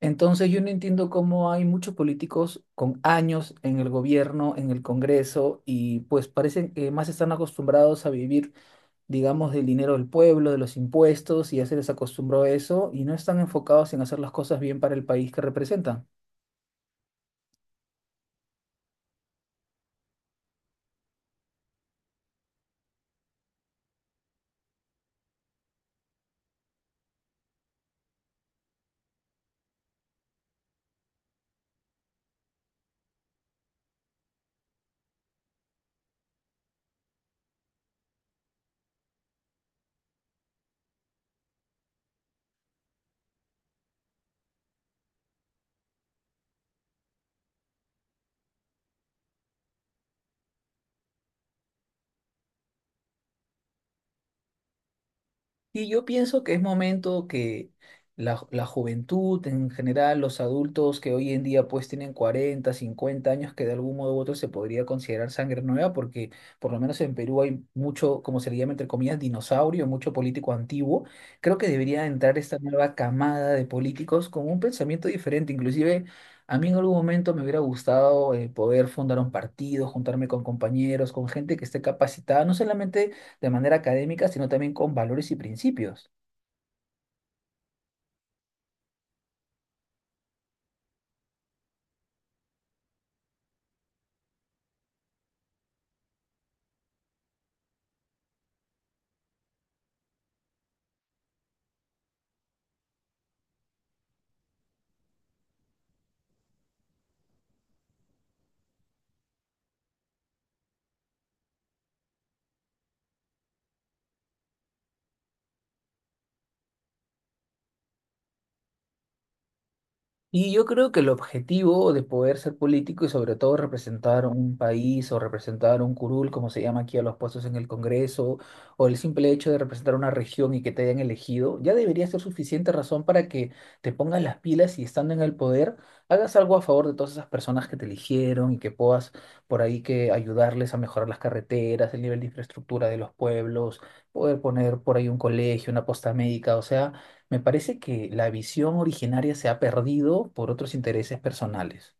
Entonces yo no entiendo cómo hay muchos políticos con años en el gobierno, en el Congreso, y pues parecen que más están acostumbrados a vivir, digamos, del dinero del pueblo, de los impuestos, y ya se les acostumbró a eso, y no están enfocados en hacer las cosas bien para el país que representan. Y yo pienso que es momento que la juventud en general, los adultos que hoy en día pues tienen 40 50 años, que de algún modo u otro se podría considerar sangre nueva, porque por lo menos en Perú hay mucho, como se le llama entre comillas, dinosaurio, mucho político antiguo. Creo que debería entrar esta nueva camada de políticos con un pensamiento diferente. Inclusive a mí en algún momento me hubiera gustado poder fundar un partido, juntarme con compañeros, con gente que esté capacitada, no solamente de manera académica, sino también con valores y principios. Y yo creo que el objetivo de poder ser político y sobre todo representar un país o representar un curul, como se llama aquí a los puestos en el Congreso, o el simple hecho de representar una región y que te hayan elegido, ya debería ser suficiente razón para que te pongas las pilas y estando en el poder, hagas algo a favor de todas esas personas que te eligieron y que puedas por ahí que ayudarles a mejorar las carreteras, el nivel de infraestructura de los pueblos, poder poner por ahí un colegio, una posta médica, o sea. Me parece que la visión originaria se ha perdido por otros intereses personales.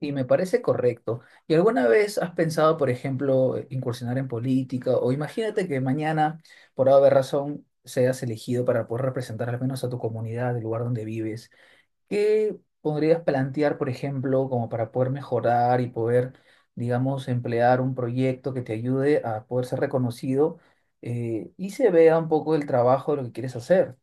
Y me parece correcto. ¿Y alguna vez has pensado, por ejemplo, incursionar en política? O imagínate que mañana, por haber razón, seas elegido para poder representar al menos a tu comunidad, el lugar donde vives. ¿Qué podrías plantear, por ejemplo, como para poder mejorar y poder, digamos, emplear un proyecto que te ayude a poder ser reconocido, y se vea un poco el trabajo de lo que quieres hacer?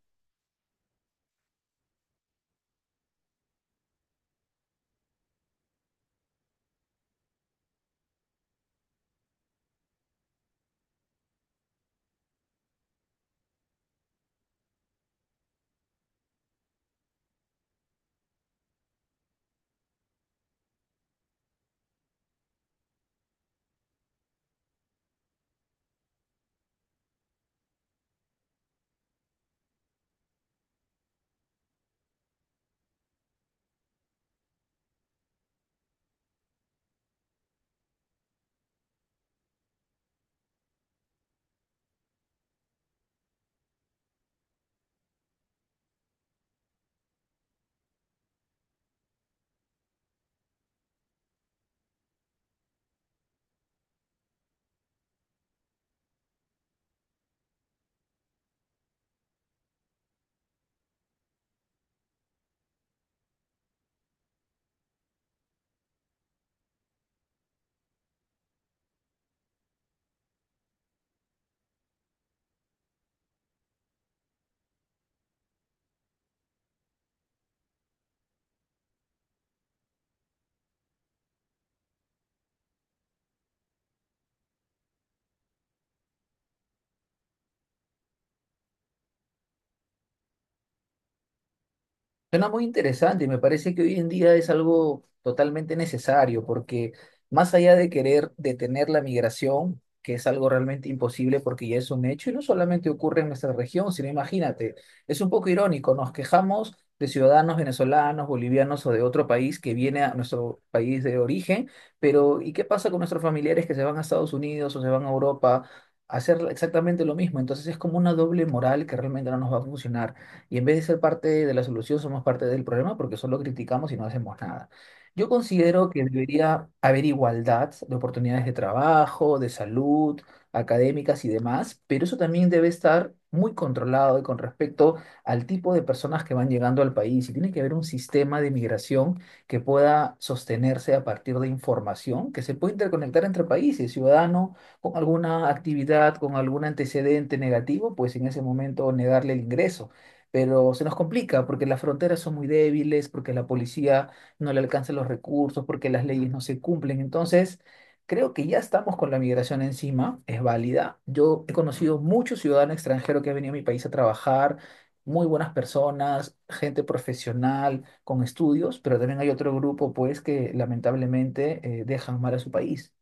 Suena muy interesante y me parece que hoy en día es algo totalmente necesario porque más allá de querer detener la migración, que es algo realmente imposible porque ya es un hecho y no solamente ocurre en nuestra región, sino imagínate, es un poco irónico, nos quejamos de ciudadanos venezolanos, bolivianos o de otro país que viene a nuestro país de origen, pero ¿y qué pasa con nuestros familiares que se van a Estados Unidos o se van a Europa a hacer exactamente lo mismo? Entonces es como una doble moral que realmente no nos va a funcionar. Y en vez de ser parte de la solución, somos parte del problema porque solo criticamos y no hacemos nada. Yo considero que debería haber igualdad de oportunidades de trabajo, de salud, académicas y demás, pero eso también debe estar muy controlado y con respecto al tipo de personas que van llegando al país. Y tiene que haber un sistema de migración que pueda sostenerse a partir de información que se puede interconectar entre países. Ciudadano con alguna actividad, con algún antecedente negativo, pues en ese momento negarle el ingreso, pero se nos complica porque las fronteras son muy débiles, porque la policía no le alcanza los recursos, porque las leyes no se cumplen. Entonces, creo que ya estamos con la migración encima, es válida. Yo he conocido muchos ciudadanos extranjeros que han venido a mi país a trabajar, muy buenas personas, gente profesional, con estudios, pero también hay otro grupo, pues, que lamentablemente dejan mal a su país.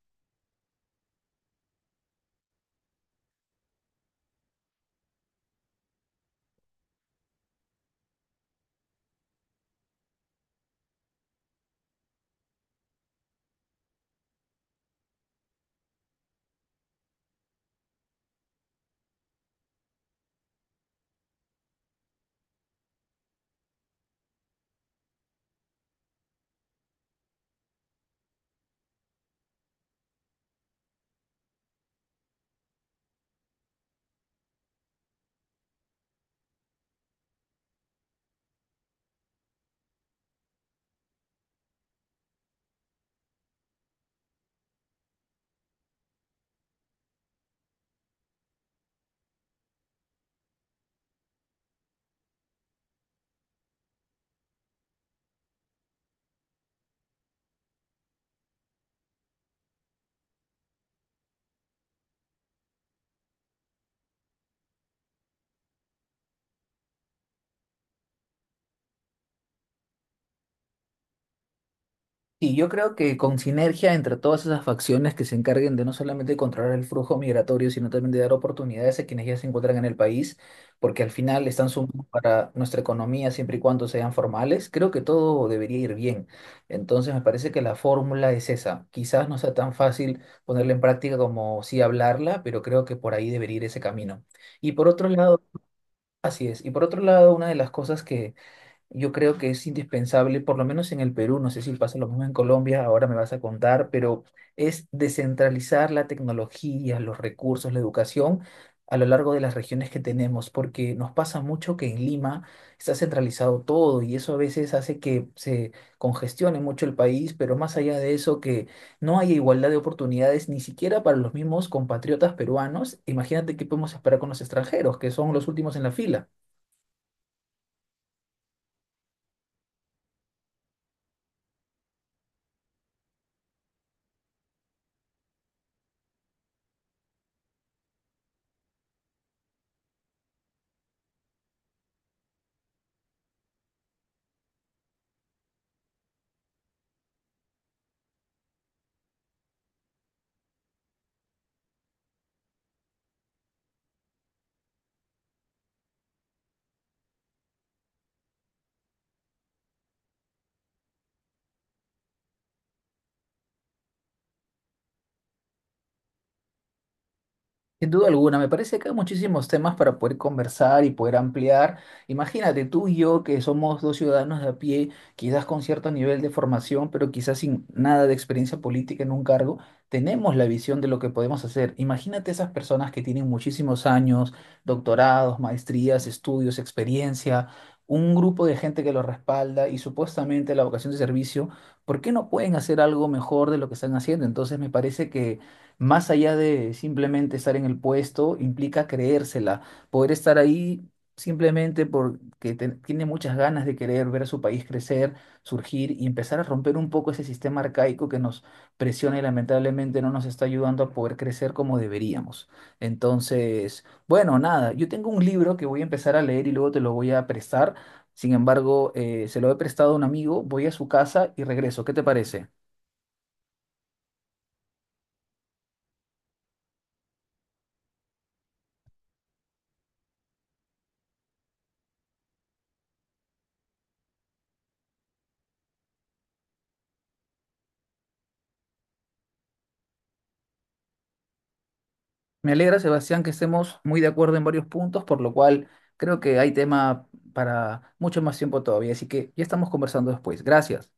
Sí, yo creo que con sinergia entre todas esas facciones que se encarguen de no solamente controlar el flujo migratorio, sino también de dar oportunidades a quienes ya se encuentran en el país, porque al final están sumando para nuestra economía siempre y cuando sean formales, creo que todo debería ir bien. Entonces me parece que la fórmula es esa. Quizás no sea tan fácil ponerla en práctica como sí hablarla, pero creo que por ahí debería ir ese camino. Y por otro lado, así es. Y por otro lado, una de las cosas que yo creo que es indispensable, por lo menos en el Perú, no sé si pasa lo mismo en Colombia, ahora me vas a contar, pero es descentralizar la tecnología, los recursos, la educación a lo largo de las regiones que tenemos, porque nos pasa mucho que en Lima está centralizado todo y eso a veces hace que se congestione mucho el país, pero más allá de eso, que no haya igualdad de oportunidades ni siquiera para los mismos compatriotas peruanos, imagínate qué podemos esperar con los extranjeros, que son los últimos en la fila. Sin duda alguna, me parece que hay muchísimos temas para poder conversar y poder ampliar. Imagínate tú y yo que somos dos ciudadanos de a pie, quizás con cierto nivel de formación, pero quizás sin nada de experiencia política en un cargo, tenemos la visión de lo que podemos hacer. Imagínate esas personas que tienen muchísimos años, doctorados, maestrías, estudios, experiencia, un grupo de gente que lo respalda y supuestamente la vocación de servicio, ¿por qué no pueden hacer algo mejor de lo que están haciendo? Entonces me parece que más allá de simplemente estar en el puesto, implica creérsela, poder estar ahí simplemente porque tiene muchas ganas de querer ver a su país crecer, surgir y empezar a romper un poco ese sistema arcaico que nos presiona y lamentablemente no nos está ayudando a poder crecer como deberíamos. Entonces, bueno, nada, yo tengo un libro que voy a empezar a leer y luego te lo voy a prestar. Sin embargo, se lo he prestado a un amigo, voy a su casa y regreso. ¿Qué te parece? Me alegra, Sebastián, que estemos muy de acuerdo en varios puntos, por lo cual creo que hay tema para mucho más tiempo todavía. Así que ya estamos conversando después. Gracias.